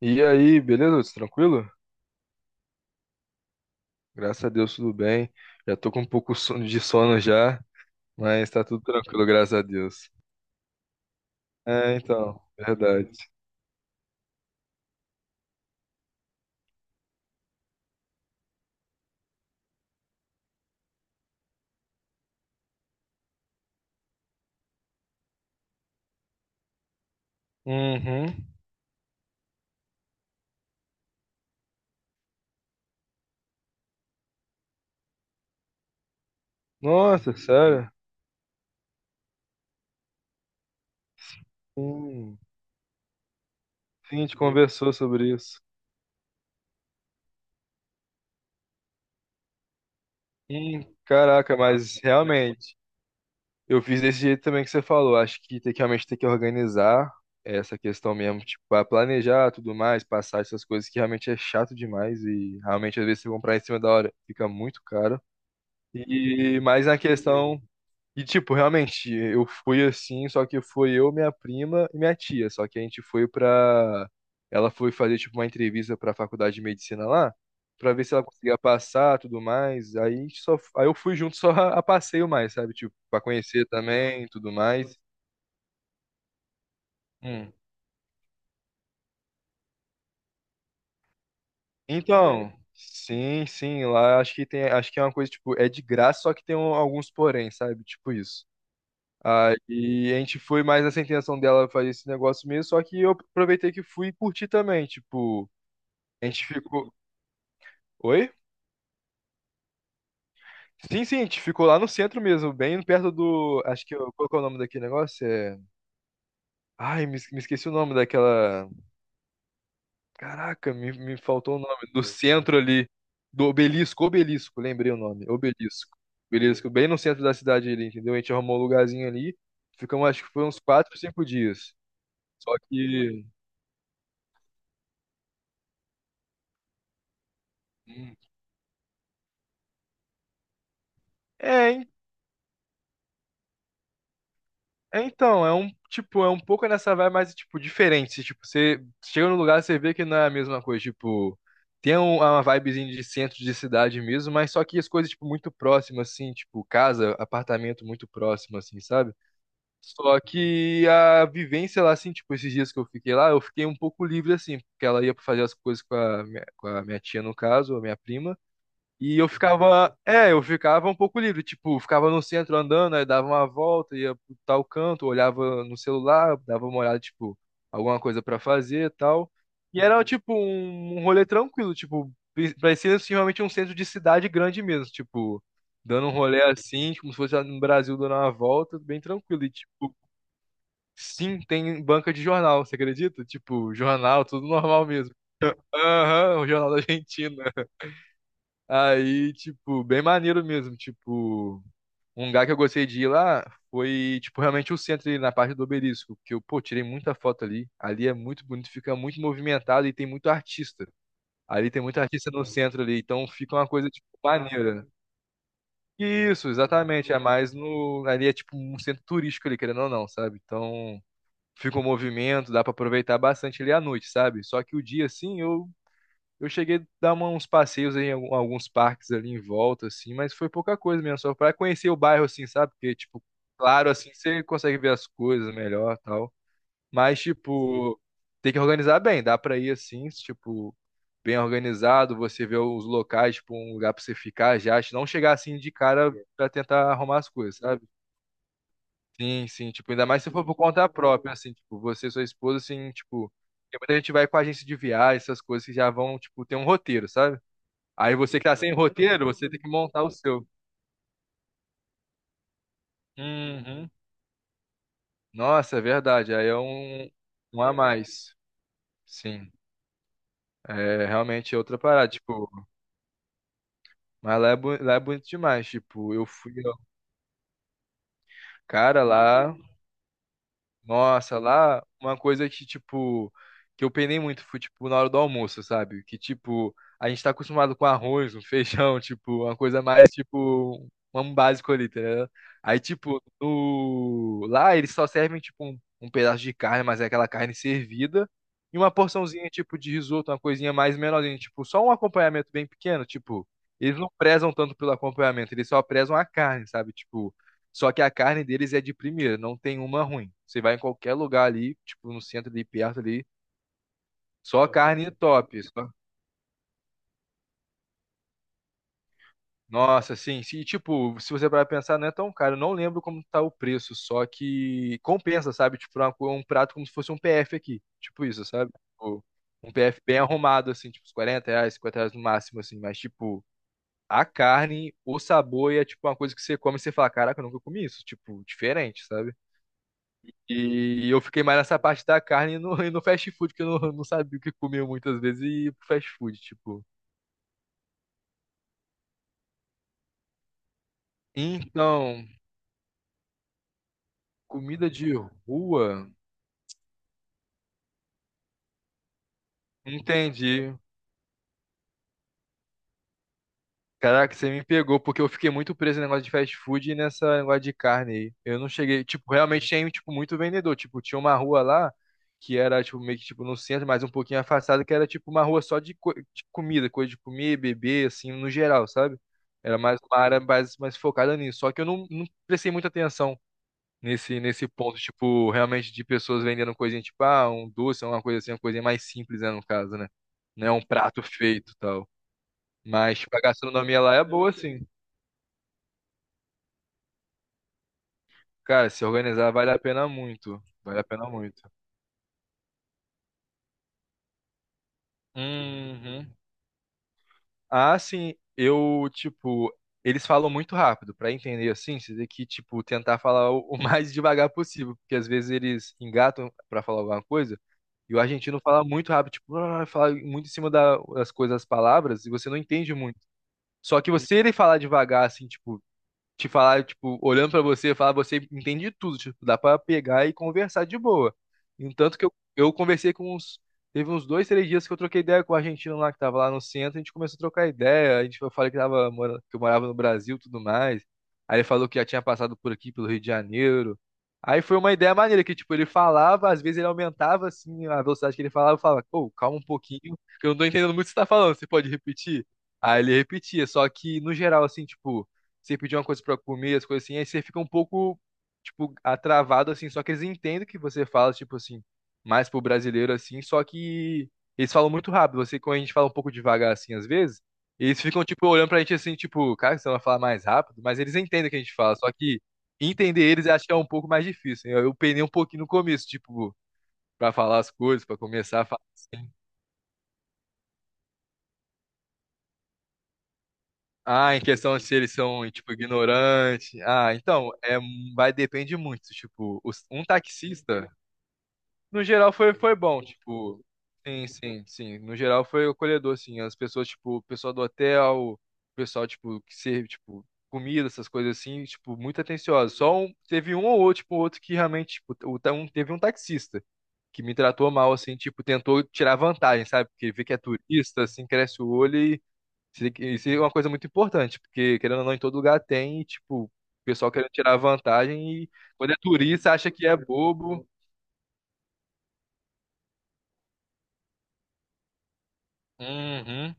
E aí, beleza? Lutz? Tranquilo? Graças a Deus, tudo bem. Já tô com um pouco de sono já, mas tá tudo tranquilo, graças a Deus. É, então, verdade. Uhum. Nossa, sério? Hum, sim, a gente conversou sobre isso. Caraca, mas realmente, eu fiz desse jeito também que você falou. Acho que tem que realmente ter que organizar essa questão mesmo, tipo, pra planejar tudo mais, passar essas coisas que realmente é chato demais e realmente às vezes você comprar em cima da hora fica muito caro. E mais na questão. E, tipo, realmente, eu fui assim, só que foi eu, minha prima e minha tia. Só que a gente foi pra. Ela foi fazer, tipo, uma entrevista pra faculdade de medicina lá, pra ver se ela conseguia passar tudo mais. Aí a gente só. Aí eu fui junto só a passeio mais, sabe? Tipo, pra conhecer também tudo mais. Hum. Então, sim, sim, lá acho que tem. Acho que é uma coisa, tipo, é de graça, só que tem alguns porém, sabe? Tipo isso. Aí a gente foi mais nessa intenção dela fazer esse negócio mesmo, só que eu aproveitei que fui e curti também, tipo, a gente ficou. Oi? Sim, sim, a gente ficou lá no centro mesmo, bem perto do. Acho que. Qual que é o nome daquele negócio? É. Ai, me esqueci o nome daquela. Caraca, me faltou o nome. Do centro ali. Do obelisco, lembrei o nome. Obelisco. Obelisco, bem no centro da cidade ali, entendeu? A gente arrumou um lugarzinho ali. Ficamos, acho que foi uns quatro, cinco dias. Só que. É, É, então, é um, tipo, é um pouco nessa vibe mais, tipo, diferente. Tipo, você chega num lugar, você vê que não é a mesma coisa, tipo, tem uma vibezinha de centro de cidade mesmo, mas só que as coisas, tipo, muito próximas, assim, tipo, casa, apartamento muito próximo, assim, sabe? Só que a vivência lá, assim, tipo, esses dias que eu fiquei lá, eu fiquei um pouco livre, assim, porque ela ia fazer as coisas com a minha tia, no caso, a minha prima, e eu ficava, é, eu ficava um pouco livre, tipo, ficava no centro andando, aí dava uma volta, ia pro tal canto, olhava no celular, dava uma olhada, tipo, alguma coisa pra fazer e tal. E era, tipo, um rolê tranquilo, tipo, parecia assim, realmente um centro de cidade grande mesmo, tipo, dando um rolê assim, como se fosse lá no Brasil dando uma volta, bem tranquilo. E, tipo, sim, tem banca de jornal, você acredita? Tipo, jornal, tudo normal mesmo. Aham, o jornal da Argentina. Aí, tipo, bem maneiro mesmo. Tipo, um lugar que eu gostei de ir lá foi, tipo, realmente o centro ali na parte do Obelisco, que eu, pô, tirei muita foto ali. Ali é muito bonito, fica muito movimentado e tem muito artista. Ali tem muito artista no centro ali, então fica uma coisa, tipo, maneira. Isso, exatamente. É mais no. Ali é tipo um centro turístico ali, querendo ou não, sabe? Então fica um movimento, dá pra aproveitar bastante ali à noite, sabe? Só que o dia, assim, eu cheguei a dar uns passeios em alguns parques ali em volta, assim, mas foi pouca coisa mesmo, só pra conhecer o bairro, assim, sabe? Porque, tipo, claro, assim, você consegue ver as coisas melhor tal. Mas, tipo, tem que organizar bem, dá pra ir assim, tipo, bem organizado, você vê os locais, tipo, um lugar pra você ficar já, não chegar assim de cara pra tentar arrumar as coisas, sabe? Sim, sim, tipo, ainda mais se for por conta própria, assim, tipo, você e sua esposa, assim, tipo, porque muita gente vai com agência de viagem, essas coisas que já vão, tipo, ter um roteiro, sabe? Aí você que tá sem roteiro, você tem que montar o seu. Uhum. Nossa, é verdade. Aí é um, um a mais. Sim. É realmente outra parada, tipo, mas lá é, lá é bonito demais, tipo, eu fui, ó, cara, lá. Nossa, lá uma coisa que, tipo, que eu penei muito foi, tipo, na hora do almoço, sabe? Que, tipo, a gente tá acostumado com arroz, um feijão, tipo, uma coisa mais, tipo, um básico ali, tá ligado? Aí, tipo, no... lá eles só servem, tipo, um pedaço de carne, mas é aquela carne servida, e uma porçãozinha, tipo, de risoto, uma coisinha mais menorzinha, tipo, só um acompanhamento bem pequeno, tipo, eles não prezam tanto pelo acompanhamento, eles só prezam a carne, sabe? Tipo, só que a carne deles é de primeira, não tem uma ruim. Você vai em qualquer lugar ali, tipo no centro ali perto ali, só carne top. Nossa, assim, se tipo, se você vai pensar, não é tão caro. Eu não lembro como tá o preço, só que compensa, sabe? Tipo, uma um prato como se fosse um PF aqui, tipo isso, sabe? Tipo, um PF bem arrumado, assim, tipo, uns R$ 40, R$ 50 no máximo, assim, mas tipo. A carne, o sabor e é tipo uma coisa que você come e você fala, caraca, eu nunca comi isso, tipo, diferente, sabe? E eu fiquei mais nessa parte da carne e no, e no fast food, que eu não sabia o que comia muitas vezes e ia pro fast food, tipo. Então, comida de rua, entendi. Caraca, você me pegou, porque eu fiquei muito preso no negócio de fast food e nessa negócio de carne aí. Eu não cheguei, tipo, realmente tinha, tipo, muito vendedor. Tipo, tinha uma rua lá que era, tipo, meio que, tipo, no centro, mas um pouquinho afastada, que era, tipo, uma rua só de, de comida, coisa de comer, beber, assim, no geral, sabe? Era mais uma área mais, mais focada nisso. Só que eu não prestei muita atenção nesse ponto, tipo, realmente de pessoas vendendo coisinha, tipo, ah, um doce, uma coisa assim, uma coisinha mais simples, né, no caso, né? Não é um prato feito e tal. Mas, tipo, a gastronomia lá é boa, assim. Cara, se organizar vale a pena muito. Vale a pena muito. Uhum. Ah, sim, eu, tipo, eles falam muito rápido, pra entender assim, você tem que, tipo, tentar falar o mais devagar possível, porque às vezes eles engatam pra falar alguma coisa, e o argentino fala muito rápido, tipo, ah, fala muito em cima das coisas, das palavras, e você não entende muito. Só que você ele falar devagar, assim, tipo, te falar, tipo, olhando pra você, falar, você entende de tudo, tipo, dá pra pegar e conversar de boa. Entanto que eu conversei com uns, teve uns dois, três dias que eu troquei ideia com o argentino lá, que tava lá no centro, a gente começou a trocar ideia, a gente, eu falei que tava, que eu morava no Brasil e tudo mais, aí ele falou que já tinha passado por aqui, pelo Rio de Janeiro, aí foi uma ideia maneira, que, tipo, ele falava, às vezes ele aumentava, assim, a velocidade que ele falava, eu falava, pô, calma um pouquinho, que eu não tô entendendo muito o que você tá falando, você pode repetir? Aí ele repetia, só que, no geral, assim, tipo, você pedir uma coisa pra comer, as coisas assim, aí você fica um pouco, tipo, atravado, assim, só que eles entendem o que você fala, tipo assim, mais pro brasileiro, assim, só que eles falam muito rápido, você, quando a gente fala um pouco devagar, assim, às vezes, eles ficam, tipo, olhando pra gente, assim, tipo, cara, você vai falar mais rápido, mas eles entendem o que a gente fala, só que entender eles eu acho que é um pouco mais difícil, eu penei um pouquinho no começo, tipo, pra falar as coisas, pra começar a falar. Ah, em questão de se eles são, tipo, ignorantes. Ah, então, é, vai depende muito. Tipo, um taxista, no geral foi, foi bom, tipo, sim, sim, sim. No geral foi acolhedor, assim. As pessoas, tipo, o pessoal do hotel, o pessoal, tipo, que serve, tipo, comida, essas coisas assim, tipo, muito atencioso. Só um, teve um ou outro, tipo, outro que realmente, tipo, o um, teve um taxista que me tratou mal, assim, tipo, tentou tirar vantagem, sabe? Porque vê que é turista, assim, cresce o olho e isso é uma coisa muito importante, porque querendo ou não, em todo lugar tem, e, tipo, o pessoal querendo tirar vantagem e quando é turista acha que é bobo. Uhum.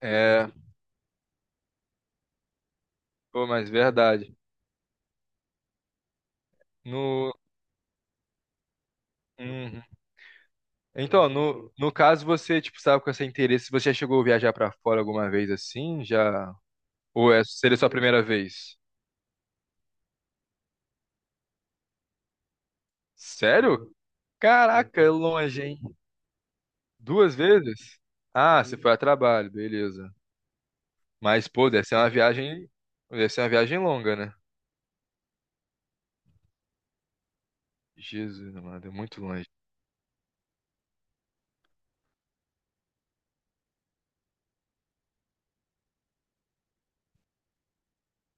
É. Pô, mas verdade. No... Uhum. Então, no, no caso, você, tipo, sabe com esse interesse, você já chegou a viajar pra fora alguma vez assim? Já? Ou é, seria sua primeira vez? Sério? Caraca, é longe, hein? Duas vezes? Ah, você foi a trabalho, beleza. Mas, pô, deve ser uma viagem. Deve ser uma viagem longa, né? Jesus, mano, é muito longe.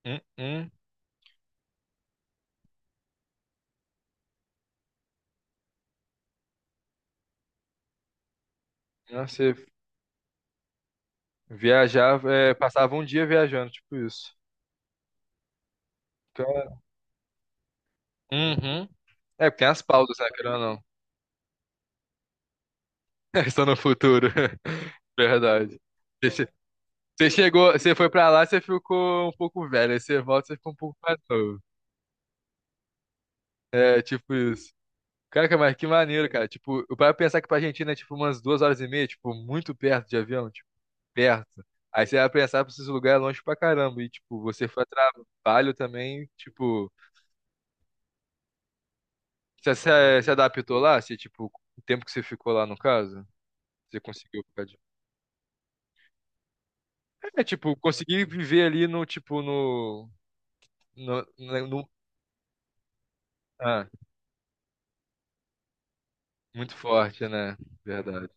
Hum, hum. Nossa, você viajava, é, passava um dia viajando, tipo isso. Cara- uhum. É, porque tem as pausas, né, querendo ou não. Só no futuro. Verdade. Você che- você chegou, você foi pra lá, você ficou um pouco velho. Aí você volta, você ficou um pouco mais novo. É, tipo isso. Caraca, mas que maneiro, cara. Tipo, eu para pensar que pra Argentina é tipo umas duas horas e meia, tipo, muito perto de avião, tipo, perto. Aí você vai pensar pra esses lugares longe pra caramba. E, tipo, você foi a trabalho também, tipo, você se adaptou lá? Você, tipo, o tempo que você ficou lá, no caso? Você conseguiu ficar de... É, tipo, conseguir viver ali no, tipo, no, ah, muito forte, né? Verdade.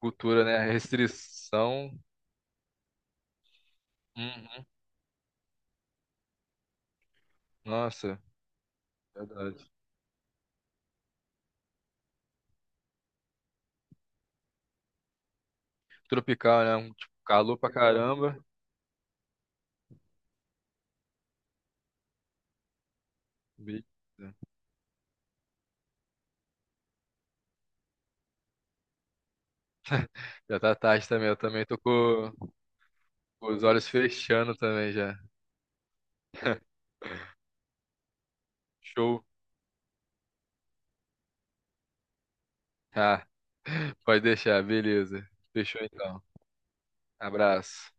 Cultura, né? Restrição. Uhum. Nossa, verdade. Tropical, né? Um, tipo, calor pra caramba. Vixe. Já tá tarde também. Eu também tô com os olhos fechando também já. Show. Ah, pode deixar, beleza. Fechou então. Abraço.